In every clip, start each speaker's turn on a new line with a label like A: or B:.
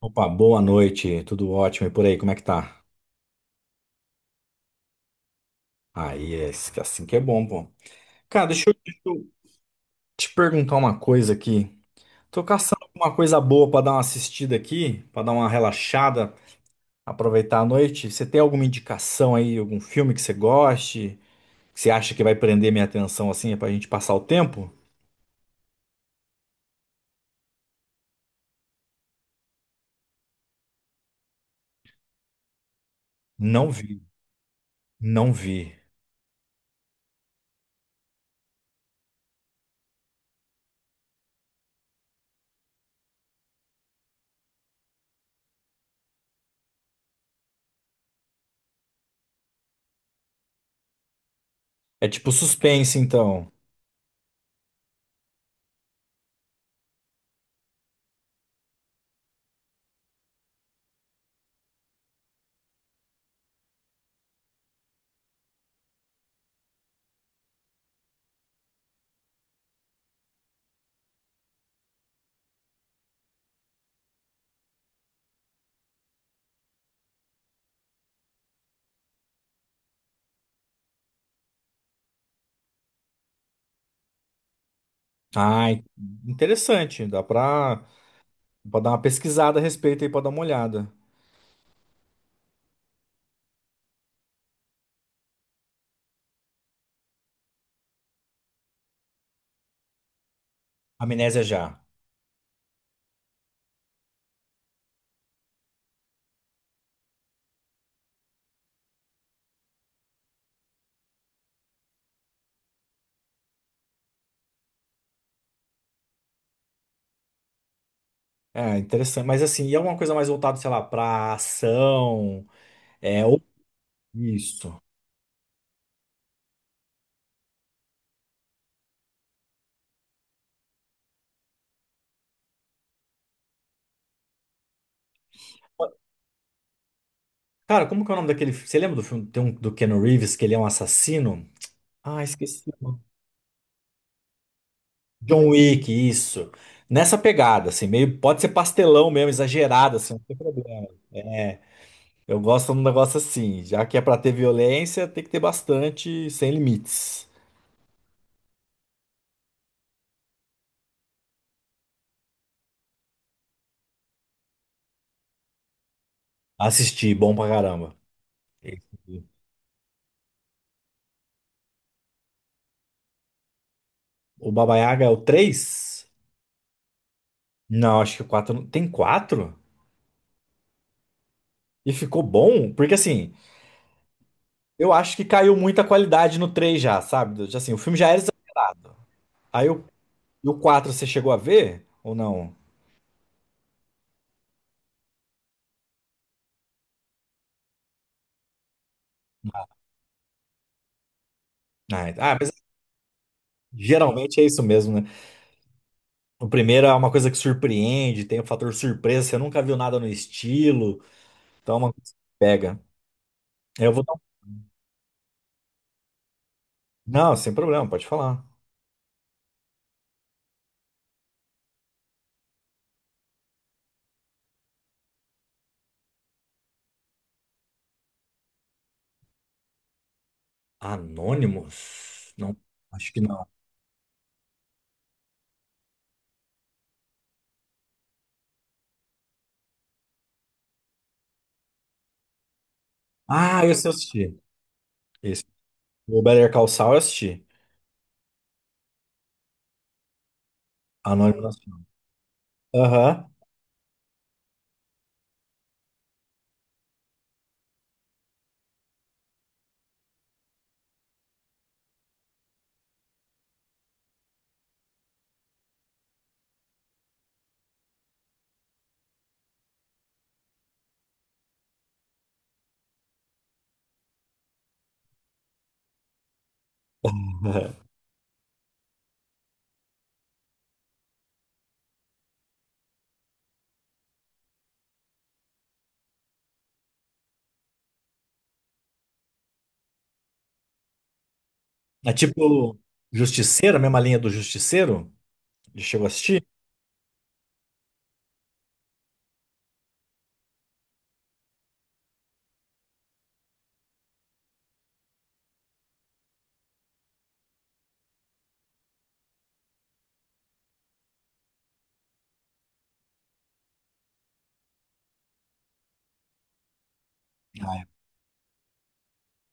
A: Opa, boa noite, tudo ótimo e por aí, como é que tá? Aí, é assim que é bom, pô. Cara, deixa eu te perguntar uma coisa aqui. Tô caçando alguma coisa boa pra dar uma assistida aqui, pra dar uma relaxada, aproveitar a noite. Você tem alguma indicação aí, algum filme que você goste, que você acha que vai prender minha atenção assim, pra gente passar o tempo? Não vi, não vi. É tipo suspense, então. Ah, in- Interessante, pra dar uma pesquisada a respeito aí, pra dar uma olhada. Amnésia já. É, interessante. Mas assim, e é alguma coisa mais voltada, sei lá, pra ação? É, ou isso. Cara, como que é o nome daquele. Você lembra do filme tem um, do Keanu Reeves, que ele é um assassino? Ah, esqueci o nome. John Wick, isso. Nessa pegada, assim, meio. Pode ser pastelão mesmo, exagerado, assim, não tem problema. É, eu gosto de um negócio assim. Já que é pra ter violência, tem que ter bastante, sem limites. Assisti, bom pra caramba. Esse. O Baba Yaga é o 3? Não, acho que o 4. Tem 4? E ficou bom, porque assim, eu acho que caiu muita qualidade no 3 já, sabe? Já, assim, o filme já era exagerado. Aí o, e o 4 você chegou a ver ou não? Mas geralmente é isso mesmo, né? O primeiro é uma coisa que surpreende, tem o fator surpresa, você nunca viu nada no estilo, então é uma coisa que pega. Eu vou dar um... Não, sem problema, pode falar. Anonymous? Não, acho que não. Ah, esse eu assisti. Esse. O Better Call Saul eu assisti. Anonymous. Aham. É tipo Justiceiro, a mesma linha do Justiceiro? Já chegou a assistir?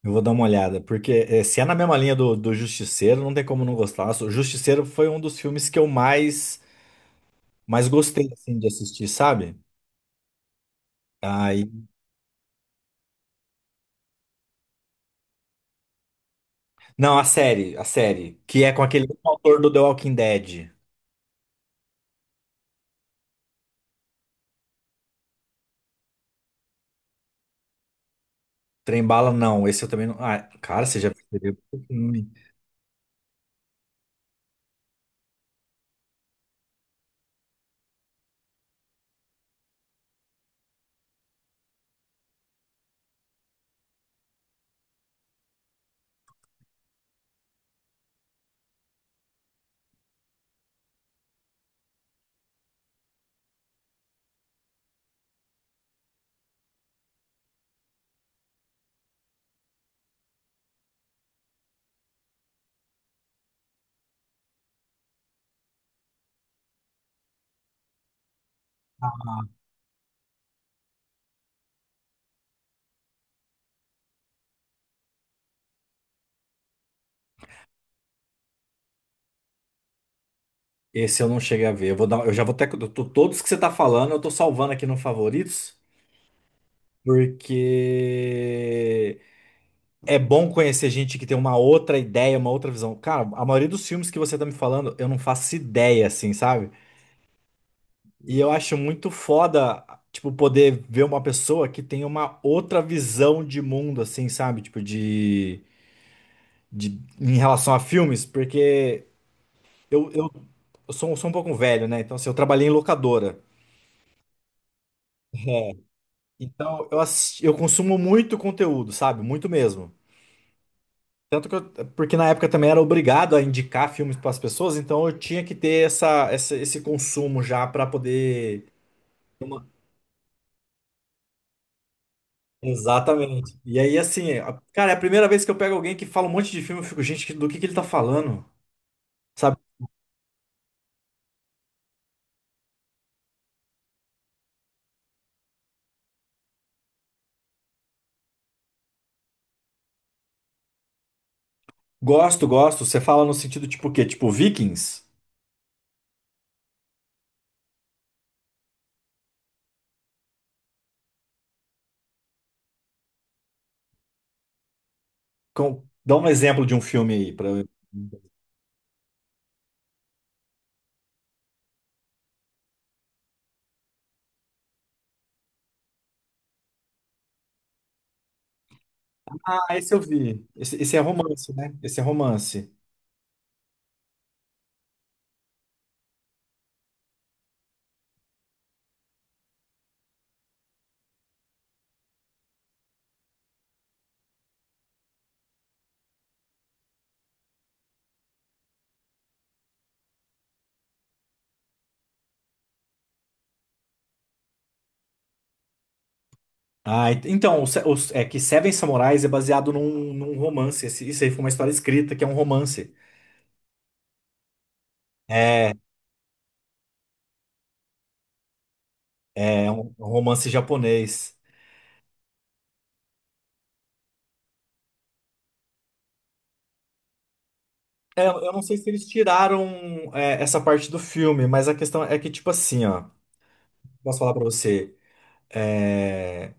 A: Eu vou dar uma olhada, porque eh, se é na mesma linha do Justiceiro, não tem como não gostar. Nossa, o Justiceiro foi um dos filmes que mais gostei assim, de assistir, sabe? Aí... Não, a série, que é com aquele mesmo autor do The Walking Dead. Trem bala, não. Esse eu também não. Ah, cara, você já percebeu? Hum. Esse eu não cheguei a ver. Eu vou dar, eu já vou até todos que você tá falando, eu tô salvando aqui no favoritos. Porque é bom conhecer gente que tem uma outra ideia, uma outra visão. Cara, a maioria dos filmes que você tá me falando, eu não faço ideia, assim, sabe? E eu acho muito foda, tipo, poder ver uma pessoa que tem uma outra visão de mundo, assim, sabe? Tipo, de em relação a filmes, porque eu, eu, eu sou um pouco velho, né? Então, assim, eu trabalhei em locadora. É. Então, eu, eu consumo muito conteúdo, sabe? Muito mesmo. Tanto que eu, porque na época também era obrigado a indicar filmes para as pessoas, então eu tinha que ter esse consumo já para poder. Exatamente. E aí, assim, a- cara, é a primeira vez que eu pego alguém que fala um monte de filme, eu fico, gente, que- do que ele tá falando? Sabe? Gosto, gosto. Você fala no sentido tipo o quê? Tipo Vikings? Com- dá um exemplo de um filme aí para eu. Ah, esse eu vi. Esse é romance, né? Esse é romance. Ah, ent- então, o Se- o- é que Seven Samurais é baseado num romance. Esse- isso aí foi uma história escrita, que é um romance. É, é um romance japonês. É, eu não sei se eles tiraram é, essa parte do filme, mas a questão é que, tipo assim, ó, posso falar pra você, é,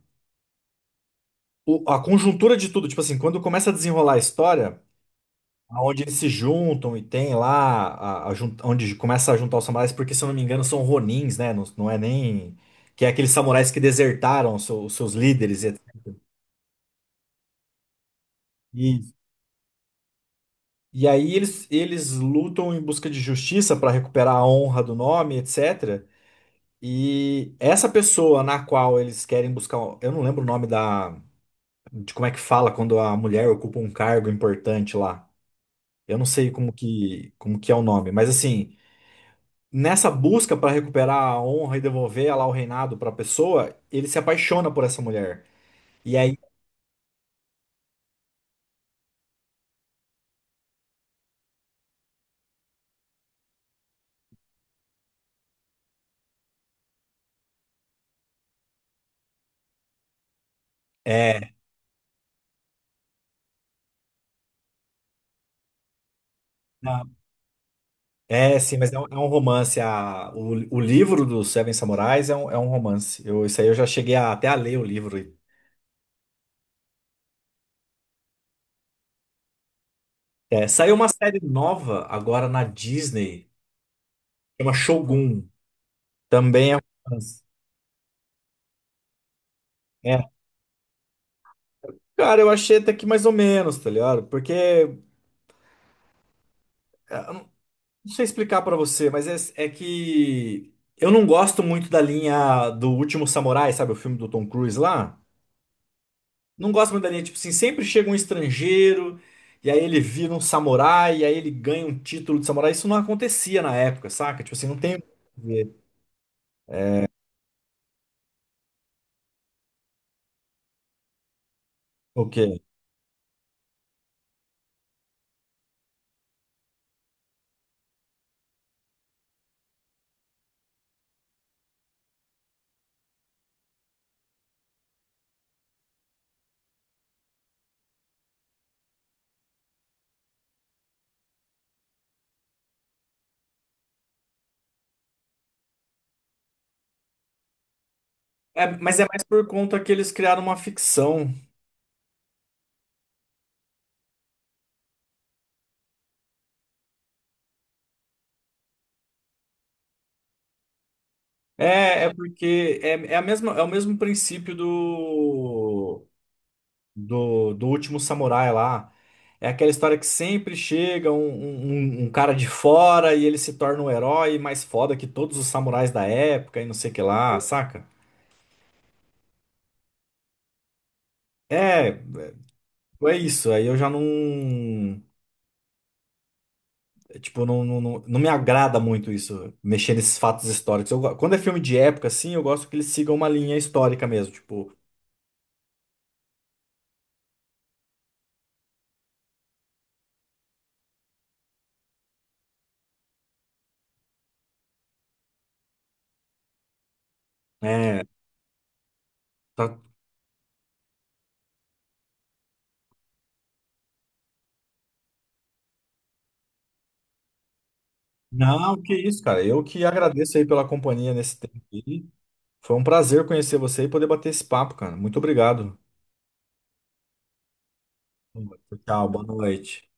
A: o- a conjuntura de tudo, tipo assim, quando começa a desenrolar a história, onde eles se juntam e tem lá, a jun- onde começa a juntar os samurais, porque se eu não me engano são ronins, né? Não, não é nem. Que é aqueles samurais que desertaram os seus líderes e etcétera. e e aí eles lutam em busca de justiça para recuperar a honra do nome, etc. E essa pessoa na qual eles querem buscar, um, eu não lembro o nome da, de como é que fala quando a mulher ocupa um cargo importante lá. Eu não sei como que é o nome, mas assim, nessa busca para recuperar a honra e devolver lá o reinado para a pessoa, ele se apaixona por essa mulher. E aí é, na- é sim, mas é um romance. A, o livro do Seven Samurais é um romance. Eu, isso aí eu já cheguei a- até a ler o livro. É, saiu uma série nova agora na Disney. Chama Shogun. Também é romance. É. Cara, eu achei até que mais ou menos, tá ligado? Porque, ah, eu não sei explicar pra você, mas é, é que eu não gosto muito da linha do Último Samurai, sabe? O filme do Tom Cruise lá. Não gosto muito da linha, tipo assim, sempre chega um estrangeiro, e aí ele vira um samurai, e aí ele ganha um título de samurai. Isso não acontecia na época, saca? Tipo assim, não tem o quê? É, mas é mais por conta que eles criaram uma ficção. É, é porque é, é a mesma, é o mesmo princípio do último samurai lá. É aquela história que sempre chega um cara de fora e ele se torna o herói mais foda que todos os samurais da época e não sei o que lá, saca? É, é isso. Aí eu já não. Tipo, não me agrada muito isso, mexer nesses fatos históricos. Eu go- quando é filme de época, assim, eu gosto que eles sigam uma linha histórica mesmo. Tipo, é. Não, que isso, cara. Eu que agradeço aí pela companhia nesse tempo aí. Foi um prazer conhecer você e poder bater esse papo, cara. Muito obrigado. Tchau, boa noite.